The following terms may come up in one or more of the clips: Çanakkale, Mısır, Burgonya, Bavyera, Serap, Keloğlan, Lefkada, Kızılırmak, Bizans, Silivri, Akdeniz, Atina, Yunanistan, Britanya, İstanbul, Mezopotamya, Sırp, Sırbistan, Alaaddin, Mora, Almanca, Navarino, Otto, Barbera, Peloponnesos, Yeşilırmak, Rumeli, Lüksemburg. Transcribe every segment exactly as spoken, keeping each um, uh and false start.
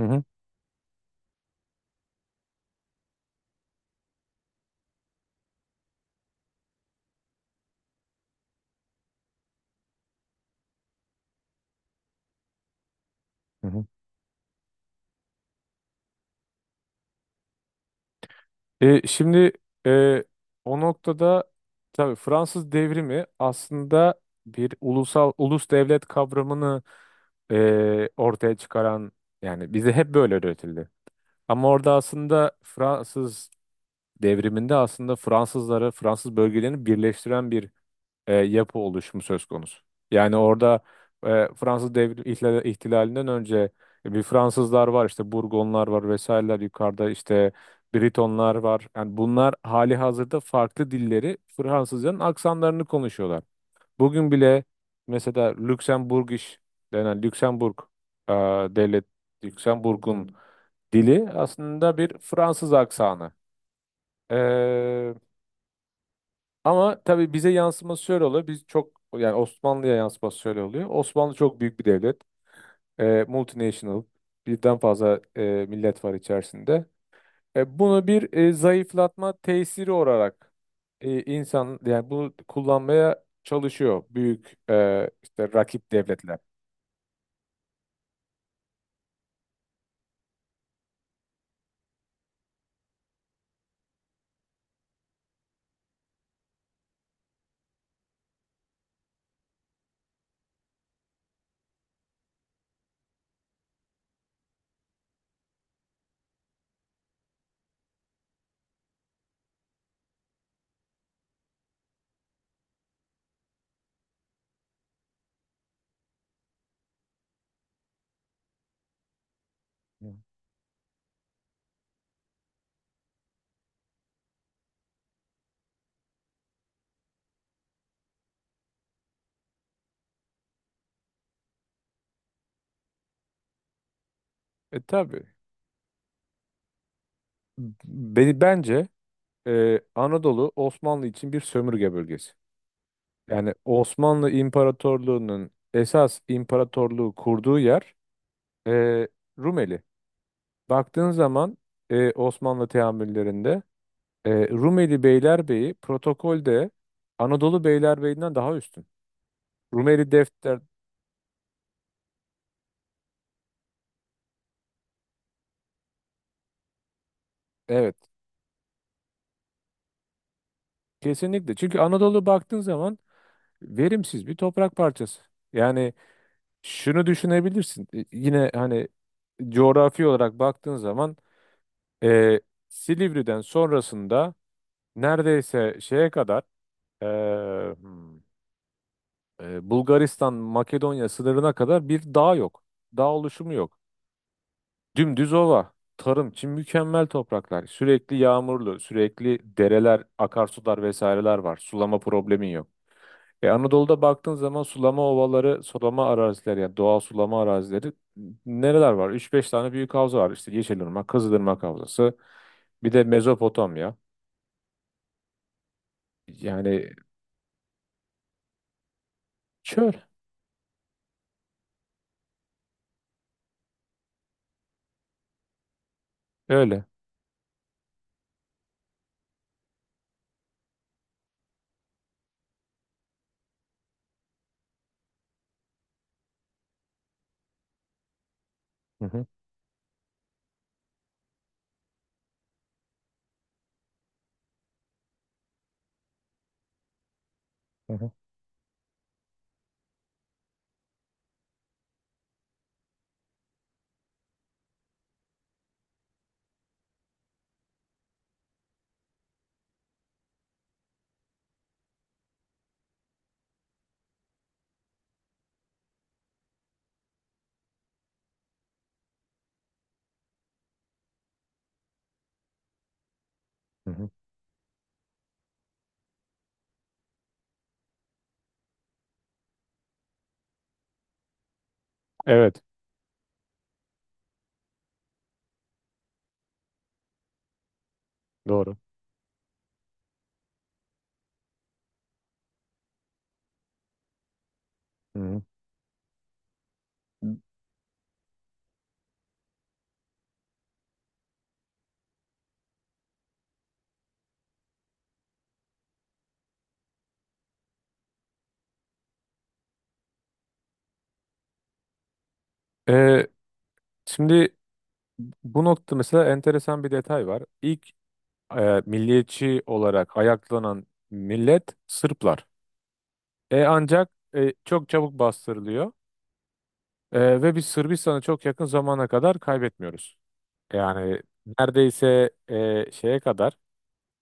Hı hı. hı hı. E, şimdi e, o noktada tabii Fransız devrimi aslında bir ulusal ulus devlet kavramını e, ortaya çıkaran, yani bize hep böyle öğretildi. Ama orada aslında Fransız devriminde aslında Fransızları, Fransız bölgelerini birleştiren bir e, yapı oluşumu söz konusu. Yani orada e, Fransız devri ihla- ihtilalinden önce bir Fransızlar var, işte Burgonlar var, vesaireler yukarıda, işte Britonlar var. Yani bunlar hali hazırda farklı dilleri, Fransızların aksanlarını konuşuyorlar. Bugün bile mesela Lüksemburgiş denen Lüksemburg e, devlet Lüksemburg'un dili aslında bir Fransız aksanı. E, Ama tabii bize yansıması şöyle oluyor. Biz çok Yani Osmanlı'ya yansıması şöyle oluyor. Osmanlı çok büyük bir devlet. E, multinational. Birden fazla e, millet var içerisinde. E, bunu bir e, zayıflatma tesiri olarak e, insan, yani bunu kullanmaya çalışıyor büyük, e, işte rakip devletler. E tabii. B- Beni bence e, Anadolu Osmanlı için bir sömürge bölgesi. Yani Osmanlı İmparatorluğu'nun esas imparatorluğu kurduğu yer e, Rumeli. Baktığın zaman e, Osmanlı teamüllerinde e, Rumeli Beylerbeyi protokolde Anadolu Beylerbeyi'nden daha üstün. Rumeli defter evet, kesinlikle. Çünkü Anadolu baktığın zaman verimsiz bir toprak parçası. Yani şunu düşünebilirsin. E, Yine hani coğrafi olarak baktığın zaman, Ee, Silivri'den sonrasında neredeyse şeye kadar, ee, hmm, ee, Bulgaristan Makedonya sınırına kadar bir dağ yok. Dağ oluşumu yok. Dümdüz ova. Tarım için mükemmel topraklar. Sürekli yağmurlu, sürekli dereler, akarsular, vesaireler var. Sulama problemin yok. E Anadolu'da baktığın zaman sulama ovaları, sulama arazileri, yani doğal sulama arazileri nereler var? Üç-beş tane büyük havza var. İşte Yeşilırmak, Kızılırmak Havzası, bir de Mezopotamya. Yani, Şöyle. Öyle. Hı hı, hı hı, hı hı. Evet. Doğru. Hı hı. Ee, Şimdi bu nokta mesela enteresan bir detay var. İlk e, milliyetçi olarak ayaklanan millet Sırplar. E, ancak e, çok çabuk bastırılıyor. E, ve biz Sırbistan'ı çok yakın zamana kadar kaybetmiyoruz. Yani neredeyse e, şeye kadar,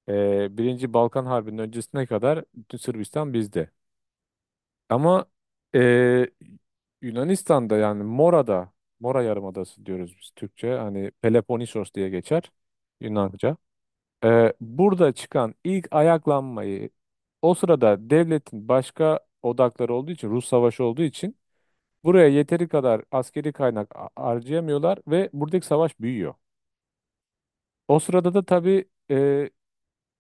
e, Birinci Balkan Harbi'nin öncesine kadar bütün Sırbistan bizde. Ama e, Yunanistan'da, yani Mora'da, Mora Yarımadası diyoruz biz Türkçe. Hani Peloponnesos diye geçer Yunanca. E, burada çıkan ilk ayaklanmayı, o sırada devletin başka odakları olduğu için, Rus savaşı olduğu için, buraya yeteri kadar askeri kaynak a- harcayamıyorlar ve buradaki savaş büyüyor. O sırada da tabii e,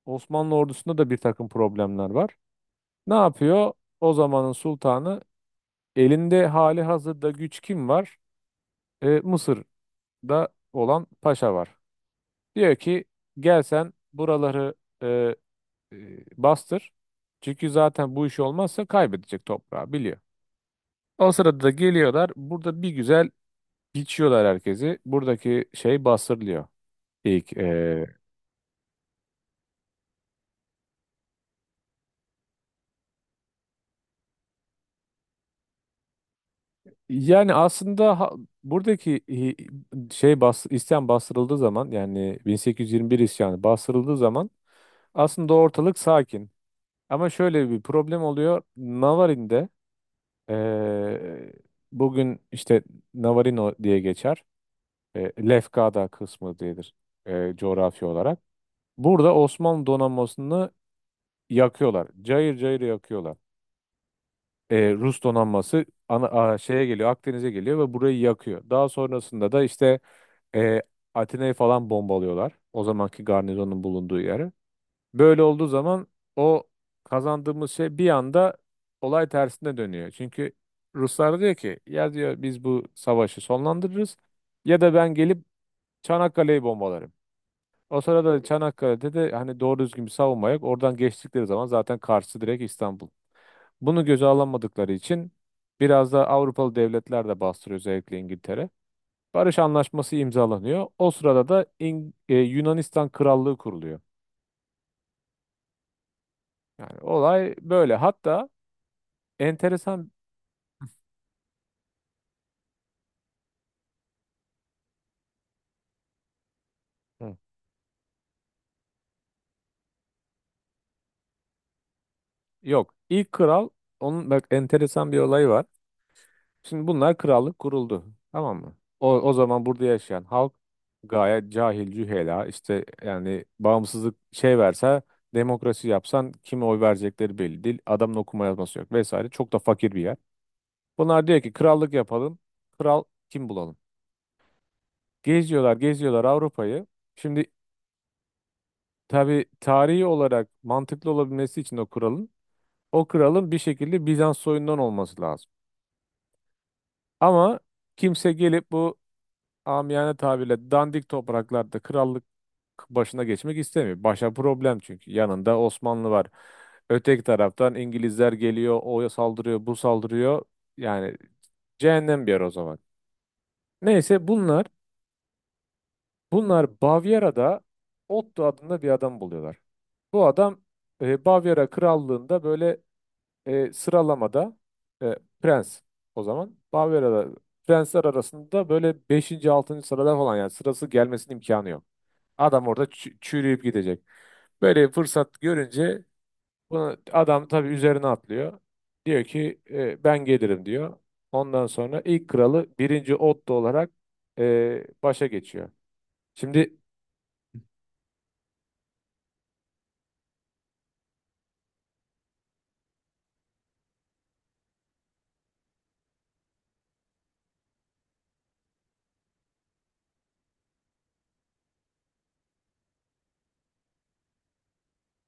Osmanlı ordusunda da bir takım problemler var. Ne yapıyor? O zamanın sultanı, elinde hali hazırda güç kim var? E, Mısır'da olan paşa var. Diyor ki gel sen buraları e, e, bastır. Çünkü zaten bu iş olmazsa kaybedecek toprağı biliyor. O sırada da geliyorlar. Burada bir güzel biçiyorlar herkesi. Buradaki şey bastırılıyor. İlk, e, Yani aslında ha- buradaki e, şey bas, isyan bastırıldığı zaman, yani bin sekiz yüz yirmi bir isyanı bastırıldığı zaman aslında ortalık sakin. Ama şöyle bir problem oluyor. Navarin'de, eee, bugün işte Navarino diye geçer. Eee, Lefkada kısmı diyedir, eee, coğrafi olarak. Burada Osmanlı donanmasını yakıyorlar. Cayır cayır yakıyorlar. Eee, Rus donanması ana, a- şeye geliyor, Akdeniz'e geliyor ve burayı yakıyor. Daha sonrasında da işte eee Atina'yı falan bombalıyorlar. O zamanki garnizonun bulunduğu yeri. Böyle olduğu zaman o kazandığımız şey bir anda olay tersine dönüyor. Çünkü Ruslar diyor ki ya diyor biz bu savaşı sonlandırırız, ya da ben gelip Çanakkale'yi bombalarım. O sırada Çanakkale'de de hani doğru düzgün bir savunma yok. Oradan geçtikleri zaman zaten karşısı direkt İstanbul. Bunu göze alamadıkları için biraz da Avrupalı devletler de bastırıyor, özellikle İngiltere. Barış anlaşması imzalanıyor. O sırada da İng- e, Yunanistan Krallığı kuruluyor. Yani olay böyle. Hatta enteresan. Hı. yok. İlk kral, onun bak enteresan bir olayı var. Şimdi bunlar krallık kuruldu. Tamam mı? O, o zaman burada yaşayan halk gayet cahil, cühela, işte yani bağımsızlık şey verse, demokrasi yapsan kime oy verecekleri belli değil. Adamın okuma yazması yok vesaire. Çok da fakir bir yer. Bunlar diyor ki krallık yapalım. Kral kim bulalım? Geziyorlar, geziyorlar Avrupa'yı. Şimdi tabii tarihi olarak mantıklı olabilmesi için o kuralın O kralın bir şekilde Bizans soyundan olması lazım. Ama kimse gelip bu amiyane tabirle dandik topraklarda krallık başına geçmek istemiyor. Başa problem çünkü. Yanında Osmanlı var. Öteki taraftan İngilizler geliyor. O saldırıyor, bu saldırıyor. Yani cehennem bir yer o zaman. Neyse bunlar bunlar Bavyera'da Otto adında bir adam buluyorlar. Bu adam e, Bavyera krallığında böyle e, sıralamada e, Prens, o zaman Barbera'da Prensler arasında böyle beşinci altıncı sırada falan, yani sırası gelmesinin imkanı yok. Adam orada çü- çürüyüp gidecek. Böyle bir fırsat görünce bunu, adam tabii üzerine atlıyor. Diyor ki e, ben gelirim diyor. Ondan sonra ilk kralı birinci Otto olarak e, başa geçiyor. Şimdi.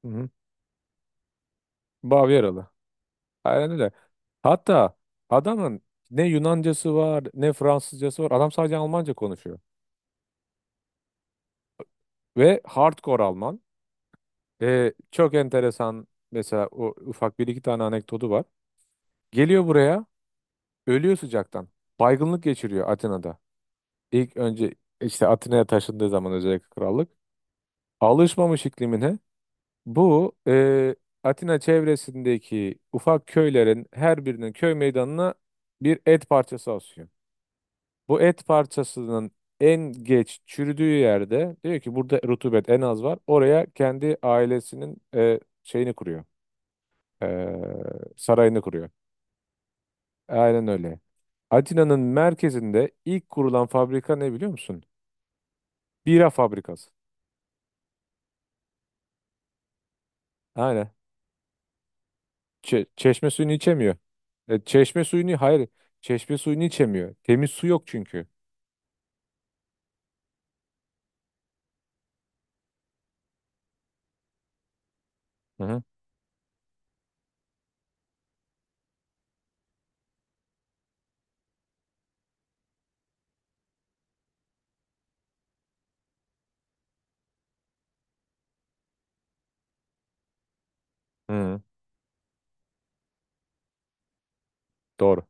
Hı hı. Bavyeralı. Aynen öyle. Hatta adamın ne Yunancası var, ne Fransızcası var. Adam sadece Almanca konuşuyor. Ve hardcore Alman. Ee, çok enteresan mesela, o ufak bir iki tane anekdotu var. Geliyor buraya, ölüyor sıcaktan. Baygınlık geçiriyor Atina'da. İlk önce işte Atina'ya taşındığı zaman, özellikle krallık. Alışmamış iklimine. Bu e, Atina çevresindeki ufak köylerin her birinin köy meydanına bir et parçası asıyor. Bu et parçasının en geç çürüdüğü yerde diyor ki burada rutubet en az var. Oraya kendi ailesinin e, şeyini kuruyor. E, Sarayını kuruyor. Aynen öyle. Atina'nın merkezinde ilk kurulan fabrika ne biliyor musun? Bira fabrikası. Aynen. Çe- çeşme suyunu içemiyor. E, çeşme suyunu hayır. Çeşme suyunu içemiyor. Temiz su yok çünkü. Hı hı. Hı hı. Doğru.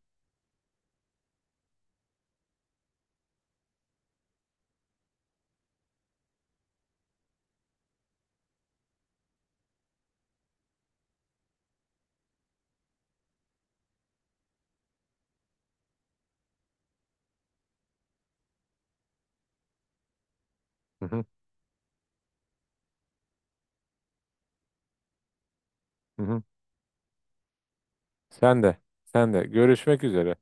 Hı hı. Hı hı. Sen de. Sen de. Görüşmek üzere.